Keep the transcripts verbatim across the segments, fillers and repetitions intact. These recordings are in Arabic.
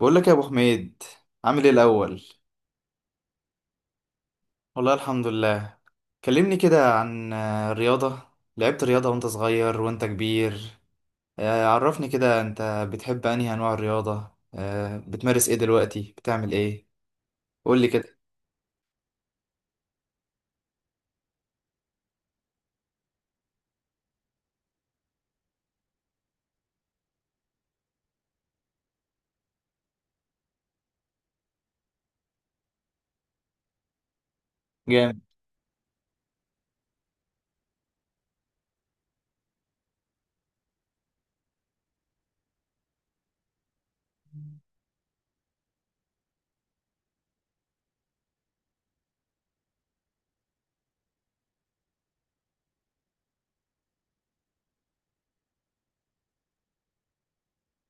بقول لك يا ابو حميد، عامل ايه الاول؟ والله الحمد لله. كلمني كده عن آه، الرياضه. لعبت رياضه وانت صغير وانت كبير؟ آه، عرفني كده انت بتحب انهي انواع الرياضه، آه، بتمارس ايه دلوقتي، بتعمل ايه؟ قول لي كده. جامد.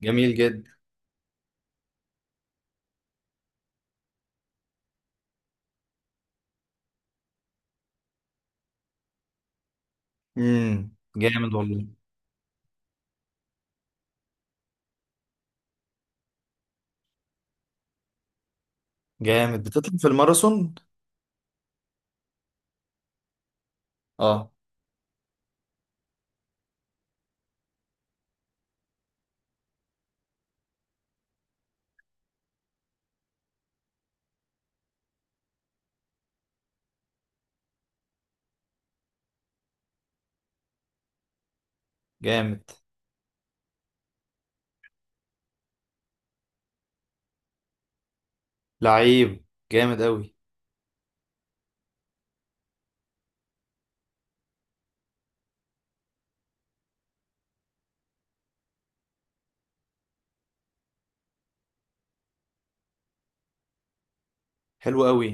جميل جدا. امم جامد والله. جامد. بتطلع في الماراثون؟ اه. جامد. لعيب. جامد قوي. حلو قوي.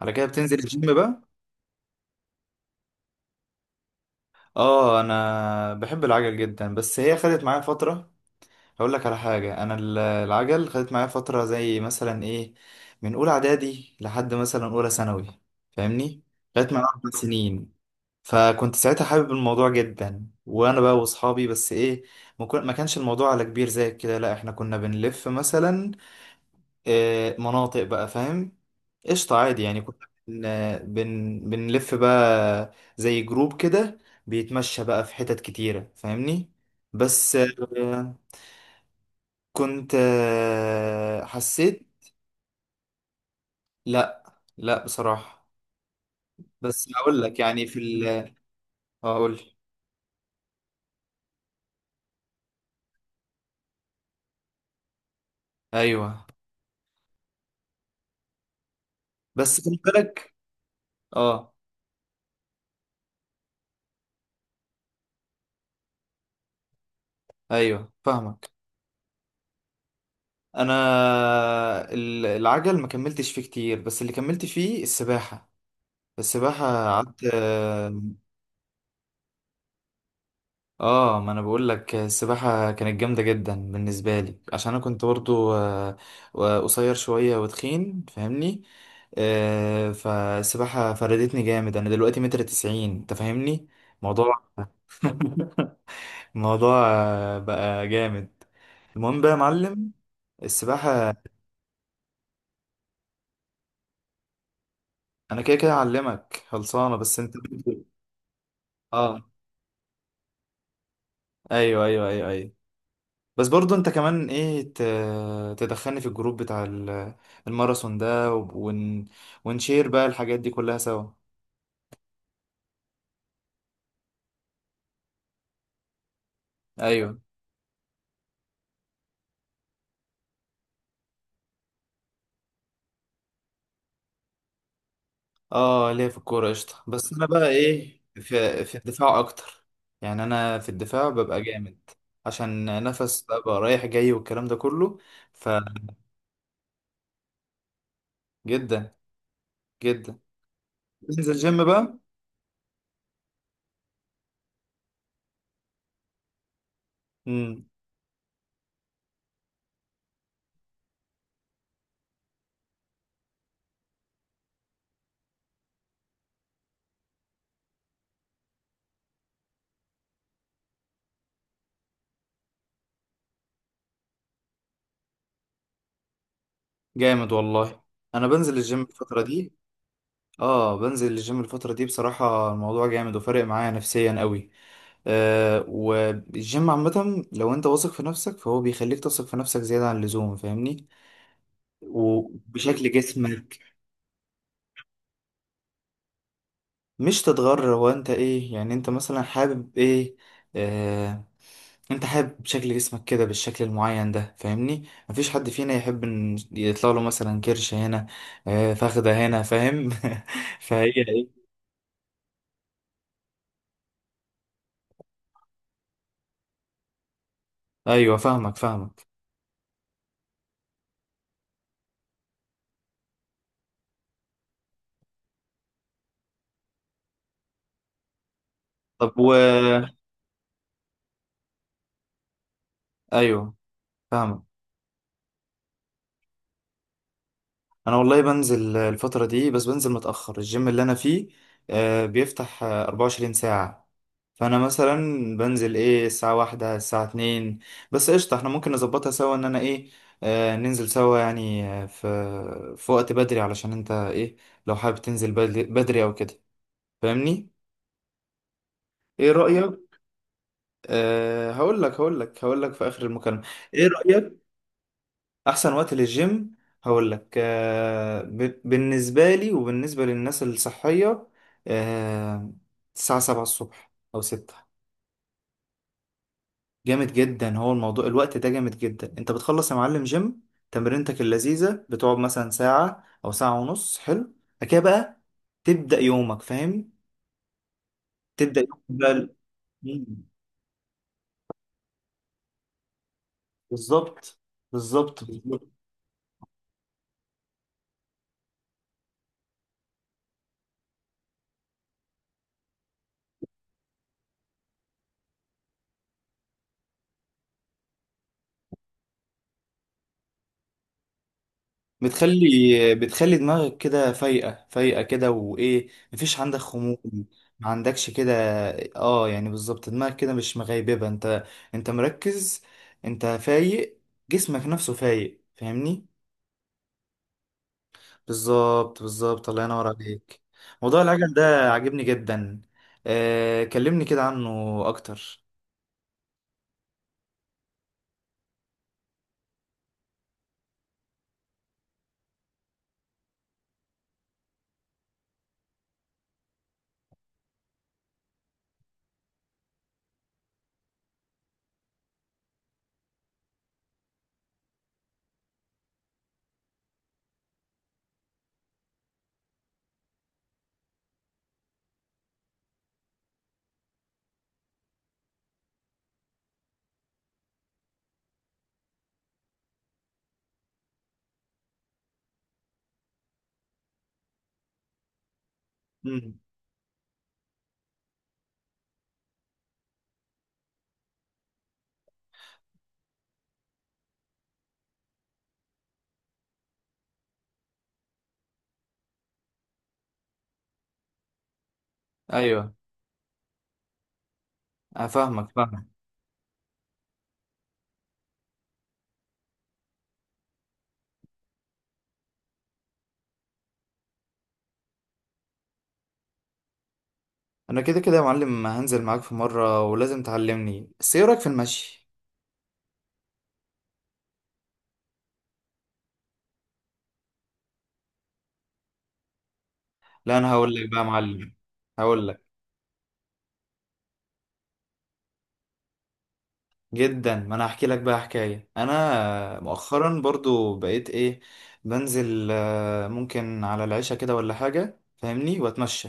على كده بتنزل الجيم بقى؟ اه انا بحب العجل جدا، بس هي خدت معايا فتره. هقول لك على حاجة. أنا ال- العجل خدت معايا فترة، زي مثلا إيه، من أولى إعدادي لحد مثلا أولى ثانوي. فاهمني؟ خدت معايا أربع سنين. فكنت ساعتها حابب الموضوع جدا، وأنا بقى وأصحابي. بس إيه، ما كن- ما كانش الموضوع على كبير زي كده، لأ، إحنا كنا بنلف مثلا آه، مناطق بقى. فاهم؟ قشطة عادي. يعني كنا بن... بن... بنلف بقى زي جروب كده، بيتمشى بقى في حتت كتيرة. فاهمني؟ بس آه، كنت آه، حسيت. لا. لا بصراحة. بس هقول لك، يعني في ال... هقول. ايوه. بس خد بالك. اه. ايوه فاهمك. انا ال- العجل ما كملتش فيه كتير، بس اللي كملت فيه السباحة. السباحة قعدت آه، اه. ما انا بقول لك السباحه كانت جامده جدا بالنسبه لي، عشان انا كنت برضو آه، قصير شويه وتخين. فاهمني؟ آه، فالسباحه فردتني جامد. انا دلوقتي متر تسعين انت. فاهمني؟ موضوع الموضوع آه، بقى جامد. المهم بقى يا معلم، السباحه. انا كده كده اعلمك، خلصانه، بس انت اه. ايوه ايوه ايوه ايوه. بس برضو انت كمان ايه، ت- تدخلني في الجروب بتاع ال- الماراثون ده ون... ونشير بقى الحاجات دي كلها سوا. ايوه. اه ليا في الكورة قشطة، بس انا بقى ايه، في, في الدفاع اكتر. يعني انا في الدفاع ببقى جامد، عشان نفس بقى رايح جاي والكلام ده كله. فجدا جدا. بنزل جيم بقى. امم جامد والله. انا بنزل الجيم الفترة دي. اه بنزل الجيم الفترة دي، بصراحة الموضوع جامد وفارق معايا نفسيا قوي. آه والجيم عامة، لو انت واثق في نفسك فهو بيخليك تثق في نفسك زيادة عن اللزوم. فاهمني؟ وبشكل جسمك. مش تتغر؟ هو انت ايه يعني، انت مثلا حابب ايه؟ آه. انت حابب شكل جسمك كده بالشكل المعين ده. فاهمني؟ مفيش حد فينا يحب ان يطلع له مثلا كرش هنا، آه فخدة هنا. فاهم؟ فهي ايه. ايوه فاهمك فاهمك. طب و... ايوه فاهمك. انا والله بنزل الفترة دي، بس بنزل متأخر. الجيم اللي انا فيه آه، بيفتح آه، 24 ساعة. فانا مثلا بنزل ايه، الساعة واحدة الساعة اتنين. بس قشطة، احنا ممكن نظبطها سوا، ان انا ايه، آه، ننزل سوا. يعني آه، في في وقت بدري، علشان انت ايه، لو حابب تنزل بدري بدري او كده. فاهمني؟ ايه رأيك؟ أه هقول لك هقول لك هقول لك في اخر المكالمة. ايه رأيك؟ احسن وقت للجيم. هقول لك آه، ب- بالنسبه لي وبالنسبه للناس الصحيه، آه، الساعه سبعة الصبح او ستة. جامد جدا، هو الموضوع الوقت ده جامد جدا. انت بتخلص يا معلم جيم، تمرينتك اللذيذه، بتقعد مثلا ساعه او ساعه ونص. حلو. بعد كده بقى تبدا يومك. فاهم؟ تبدا يومك بقى ال- مم. بالظبط بالظبط. بتخلي بتخلي دماغك كده فايقة فايقة كده، وإيه مفيش عندك خمول. ما عندكش كده. اه يعني بالظبط، دماغك كده مش مغيببة، انت انت مركز، انت فايق، جسمك نفسه فايق. فاهمني؟ بالظبط بالظبط. الله ينور عليك. موضوع العجل ده عاجبني جدا. آه كلمني كده عنه اكتر. مم. ايوه افهمك فاهمك. انا كده كده يا معلم هنزل معاك في مرة، ولازم تعلمني. بس ايه رأيك في المشي؟ لا انا هقول لك بقى يا معلم. هقول لك، جدا، ما انا هحكي لك بقى حكايه. انا مؤخرا برضو بقيت ايه، بنزل آه، ممكن على العشاء كده ولا حاجه. فاهمني؟ واتمشى.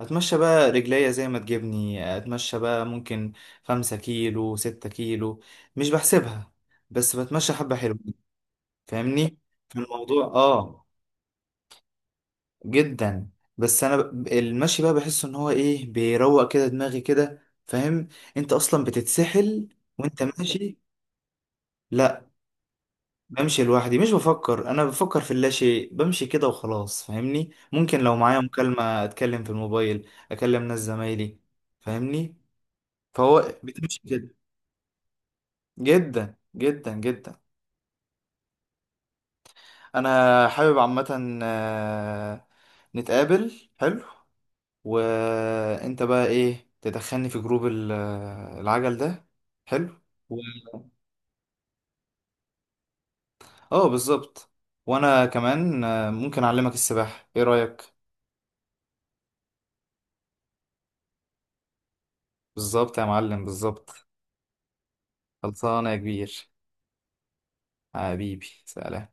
اتمشى بقى رجليا زي ما تجيبني، اتمشى بقى ممكن خمسة كيلو ستة كيلو، مش بحسبها، بس بتمشى حبه حلوه. فاهمني؟ في الموضوع اه جدا. بس انا ب- المشي بقى بحس ان هو ايه بيروق كده دماغي كده. فاهم؟ انت اصلا بتتسحل وانت ماشي. لا بمشي لوحدي، مش بفكر، انا بفكر في اللاشيء، بمشي كده وخلاص. فاهمني؟ ممكن لو معايا مكالمة اتكلم في الموبايل، اكلم ناس زمايلي. فاهمني؟ فهو بتمشي كده. جدا جدا جدا. انا حابب عامة آه، نتقابل. حلو. وانت بقى ايه تدخلني في جروب ال- العجل ده. حلو. و... اه بالظبط. وانا كمان آه، ممكن اعلمك السباحة، ايه رأيك؟ بالظبط يا معلم بالظبط. خلصانة يا كبير. حبيبي. سلام.